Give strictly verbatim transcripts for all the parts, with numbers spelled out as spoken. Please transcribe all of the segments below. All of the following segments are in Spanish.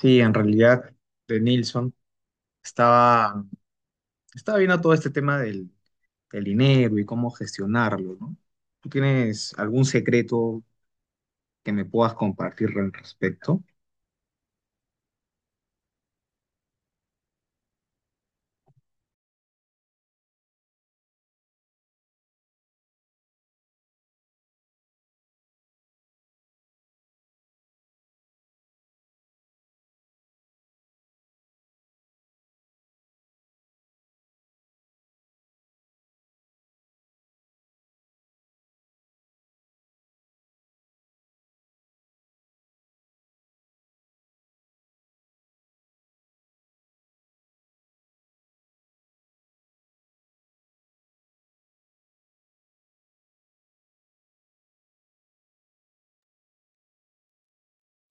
Sí, en realidad, de Nilsson estaba, estaba viendo todo este tema del, del dinero y cómo gestionarlo, ¿no? ¿Tú tienes algún secreto que me puedas compartir al respecto?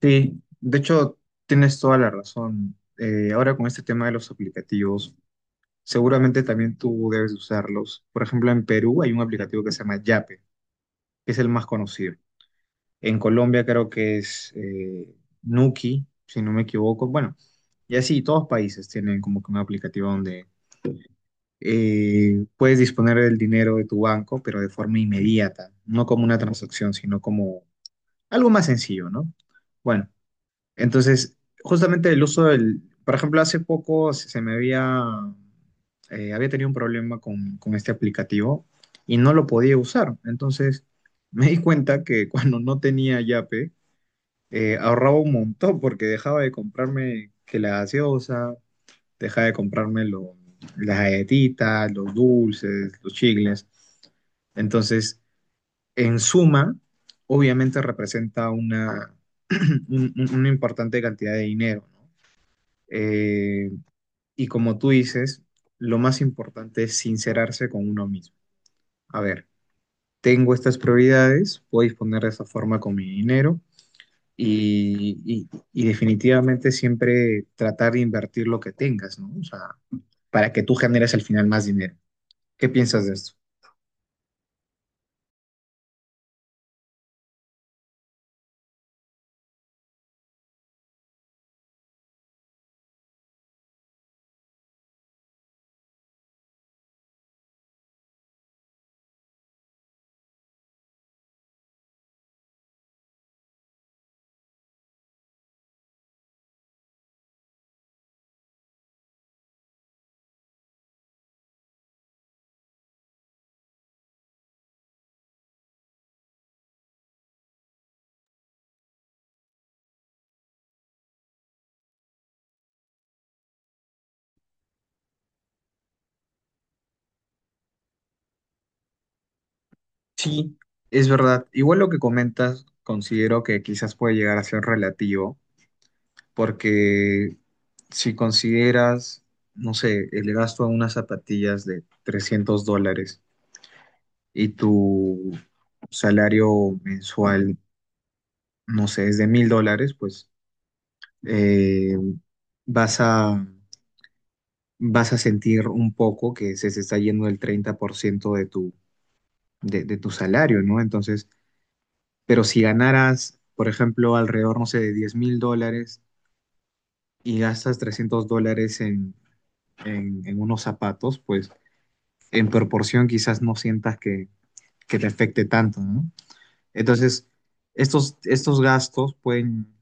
Sí, de hecho, tienes toda la razón. Eh, ahora con este tema de los aplicativos, seguramente también tú debes usarlos. Por ejemplo, en Perú hay un aplicativo que se llama Yape, que es el más conocido. En Colombia creo que es eh, Nuki, si no me equivoco. Bueno, y así, todos países tienen como que un aplicativo donde eh, puedes disponer del dinero de tu banco, pero de forma inmediata, no como una transacción, sino como algo más sencillo, ¿no? Bueno, entonces, justamente el uso del, por ejemplo, hace poco se se me había, eh, había tenido un problema con, con este aplicativo y no lo podía usar. Entonces, me di cuenta que cuando no tenía Yape, eh, ahorraba un montón porque dejaba de comprarme que la gaseosa deja de comprarme lo- las galletitas, los dulces, los chicles. Entonces, en suma, obviamente representa una, un- un- una importante cantidad de dinero, ¿no? Eh, y como tú dices, lo más importante es sincerarse con uno mismo. A ver, tengo estas prioridades, puedo disponer de esta forma con mi dinero y, y- y definitivamente siempre tratar de invertir lo que tengas, ¿no? O sea, para que tú generes al final más dinero. ¿Qué piensas de esto? Sí, es verdad. Igual lo que comentas, considero que quizás puede llegar a ser relativo, porque si consideras, no sé, el gasto a unas zapatillas de trescientos dólares y tu salario mensual, no sé, es de mil dólares, pues eh, vas a, vas a sentir un poco que se, se está yendo el treinta por ciento de tu, de, de tu salario, ¿no? Entonces. Pero si ganaras, por ejemplo, alrededor, no sé, de diez mil dólares y gastas trescientos dólares en, en, en unos zapatos, pues en proporción quizás no sientas que, que te afecte tanto, ¿no? Entonces, estos, estos gastos pueden,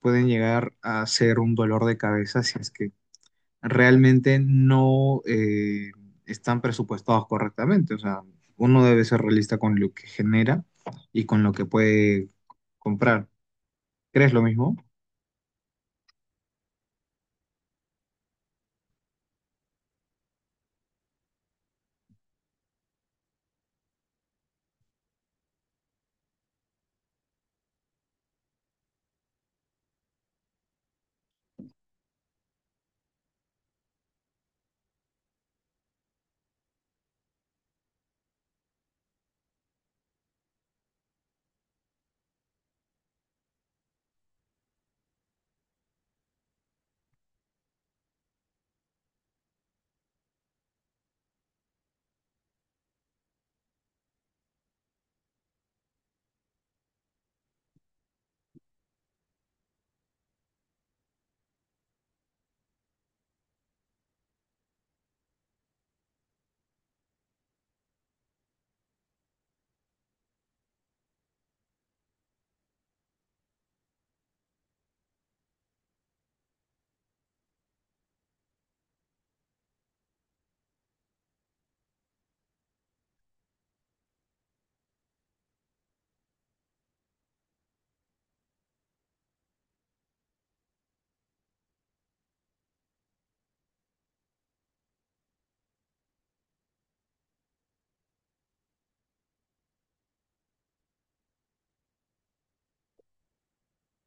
pueden llegar a ser un dolor de cabeza si es que realmente no eh, están presupuestados correctamente. O sea, uno debe ser realista con lo que genera y con lo que puede comprar. ¿Crees lo mismo?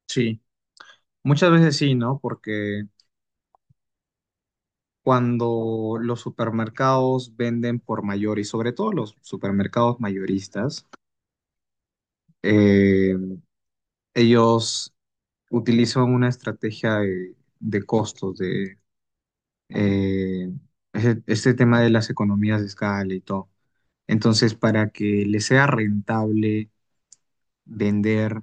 Sí, muchas veces sí, ¿no? Porque cuando los supermercados venden por mayor y sobre todo los supermercados mayoristas, eh, ellos utilizan una estrategia de, de costos, de eh, ese- este tema de las economías de escala y todo. Entonces, para que les sea rentable vender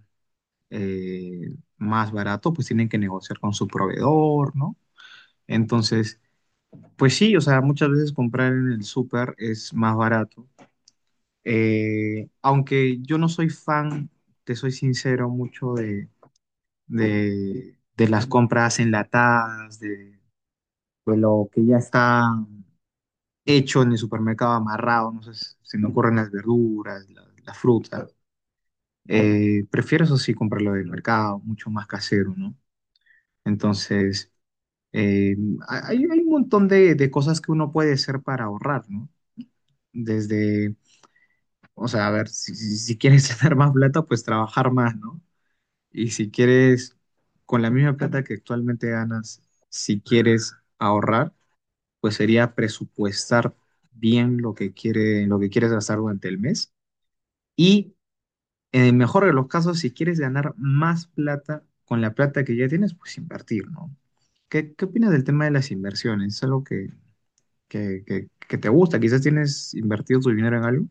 eh, más barato, pues tienen que negociar con su proveedor, ¿no? Entonces. Pues sí, o sea, muchas veces comprar en el súper es más barato. Eh, aunque yo no soy fan, te soy sincero, mucho de, de, de las compras enlatadas, de, de lo que ya está hecho en el supermercado amarrado, no sé, si- se me ocurren las verduras, la- las frutas. Eh, prefiero eso sí comprarlo del mercado, mucho más casero, ¿no? Entonces, eh, hay, hay un montón de, de cosas que uno puede hacer para ahorrar, ¿no? Desde O sea, a ver, si, si- si quieres ganar más plata, pues trabajar más, ¿no? Y si quieres, con la misma plata que actualmente ganas, si quieres ahorrar, pues sería presupuestar bien lo que quiere, lo que quieres gastar durante el mes. Y en el mejor de los casos, si quieres ganar más plata con la plata que ya tienes, pues invertir, ¿no? ¿Qué, qué opinas del tema de las inversiones? ¿Es algo que, que, que, que te gusta? ¿Quizás tienes invertido tu dinero en algo?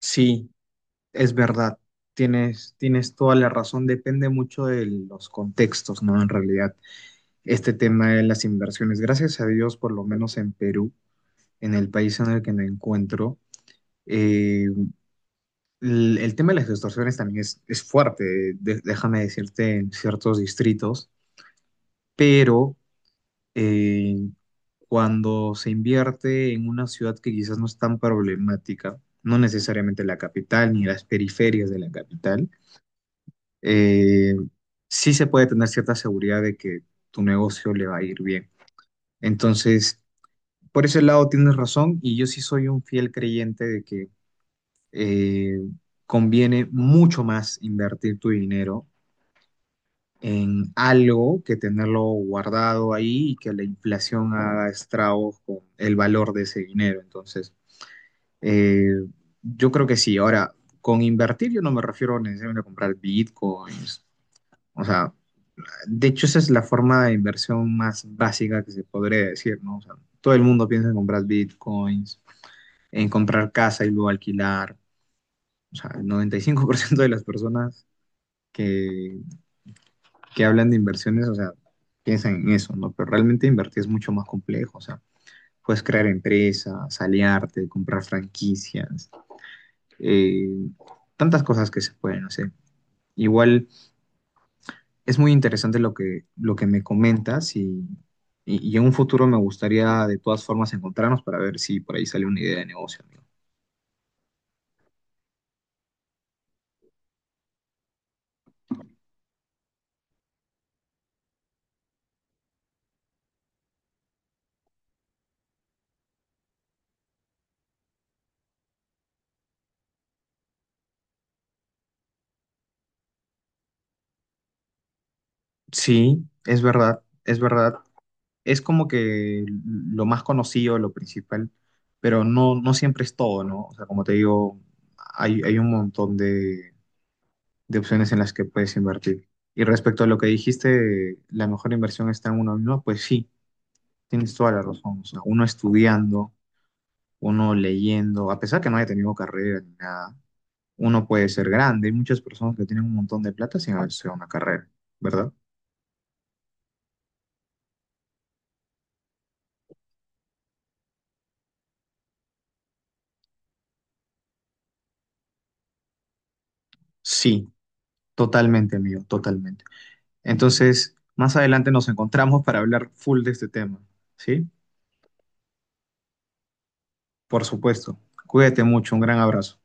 Sí. Es verdad, tienes, tienes toda la razón, depende mucho de los contextos, ¿no? En realidad, este tema de las inversiones, gracias a Dios, por lo menos en Perú, en el país en el que me encuentro, eh, el, el tema de las extorsiones también es, es fuerte, de- déjame decirte, en ciertos distritos, pero eh, cuando se invierte en una ciudad que quizás no es tan problemática, no necesariamente la capital ni las periferias de la capital, eh, sí se puede tener cierta seguridad de que tu negocio le va a ir bien. Entonces, por ese lado tienes razón y yo sí soy un fiel creyente de que eh, conviene mucho más invertir tu dinero en algo que tenerlo guardado ahí y que la inflación haga estragos con el valor de ese dinero. Entonces, eh, yo creo que sí. Ahora, con invertir yo no me refiero necesariamente a comprar bitcoins. O sea, de hecho, esa es la forma de inversión más básica que se podría decir, ¿no? O sea, todo el mundo piensa en comprar bitcoins, en comprar casa y luego alquilar. O sea, el noventa y cinco por ciento de las personas que, que hablan de inversiones, o sea, piensan en eso, ¿no? Pero realmente invertir es mucho más complejo, o sea, puedes crear empresas, aliarte, comprar franquicias, eh, tantas cosas que se pueden hacer. Igual es muy interesante lo que, lo que me comentas y, y- y en un futuro me gustaría de todas formas encontrarnos para ver si por ahí sale una idea de negocio, amigo. Sí, es verdad, es verdad. Es como que lo más conocido, lo principal, pero no, no siempre es todo, ¿no? O sea, como te digo, hay, hay un montón de, de opciones en las que puedes invertir. Y respecto a lo que dijiste, la mejor inversión está en uno mismo, pues sí, tienes toda la razón. O sea, uno estudiando uno leyendo, a pesar que no haya tenido carrera ni nada, uno puede ser grande. Hay muchas personas que tienen un montón de plata sin haber sido una carrera, ¿verdad? Sí, totalmente, amigo, totalmente. Entonces, más adelante nos encontramos para hablar full de este tema, ¿sí? Por supuesto. Cuídate mucho, un gran abrazo.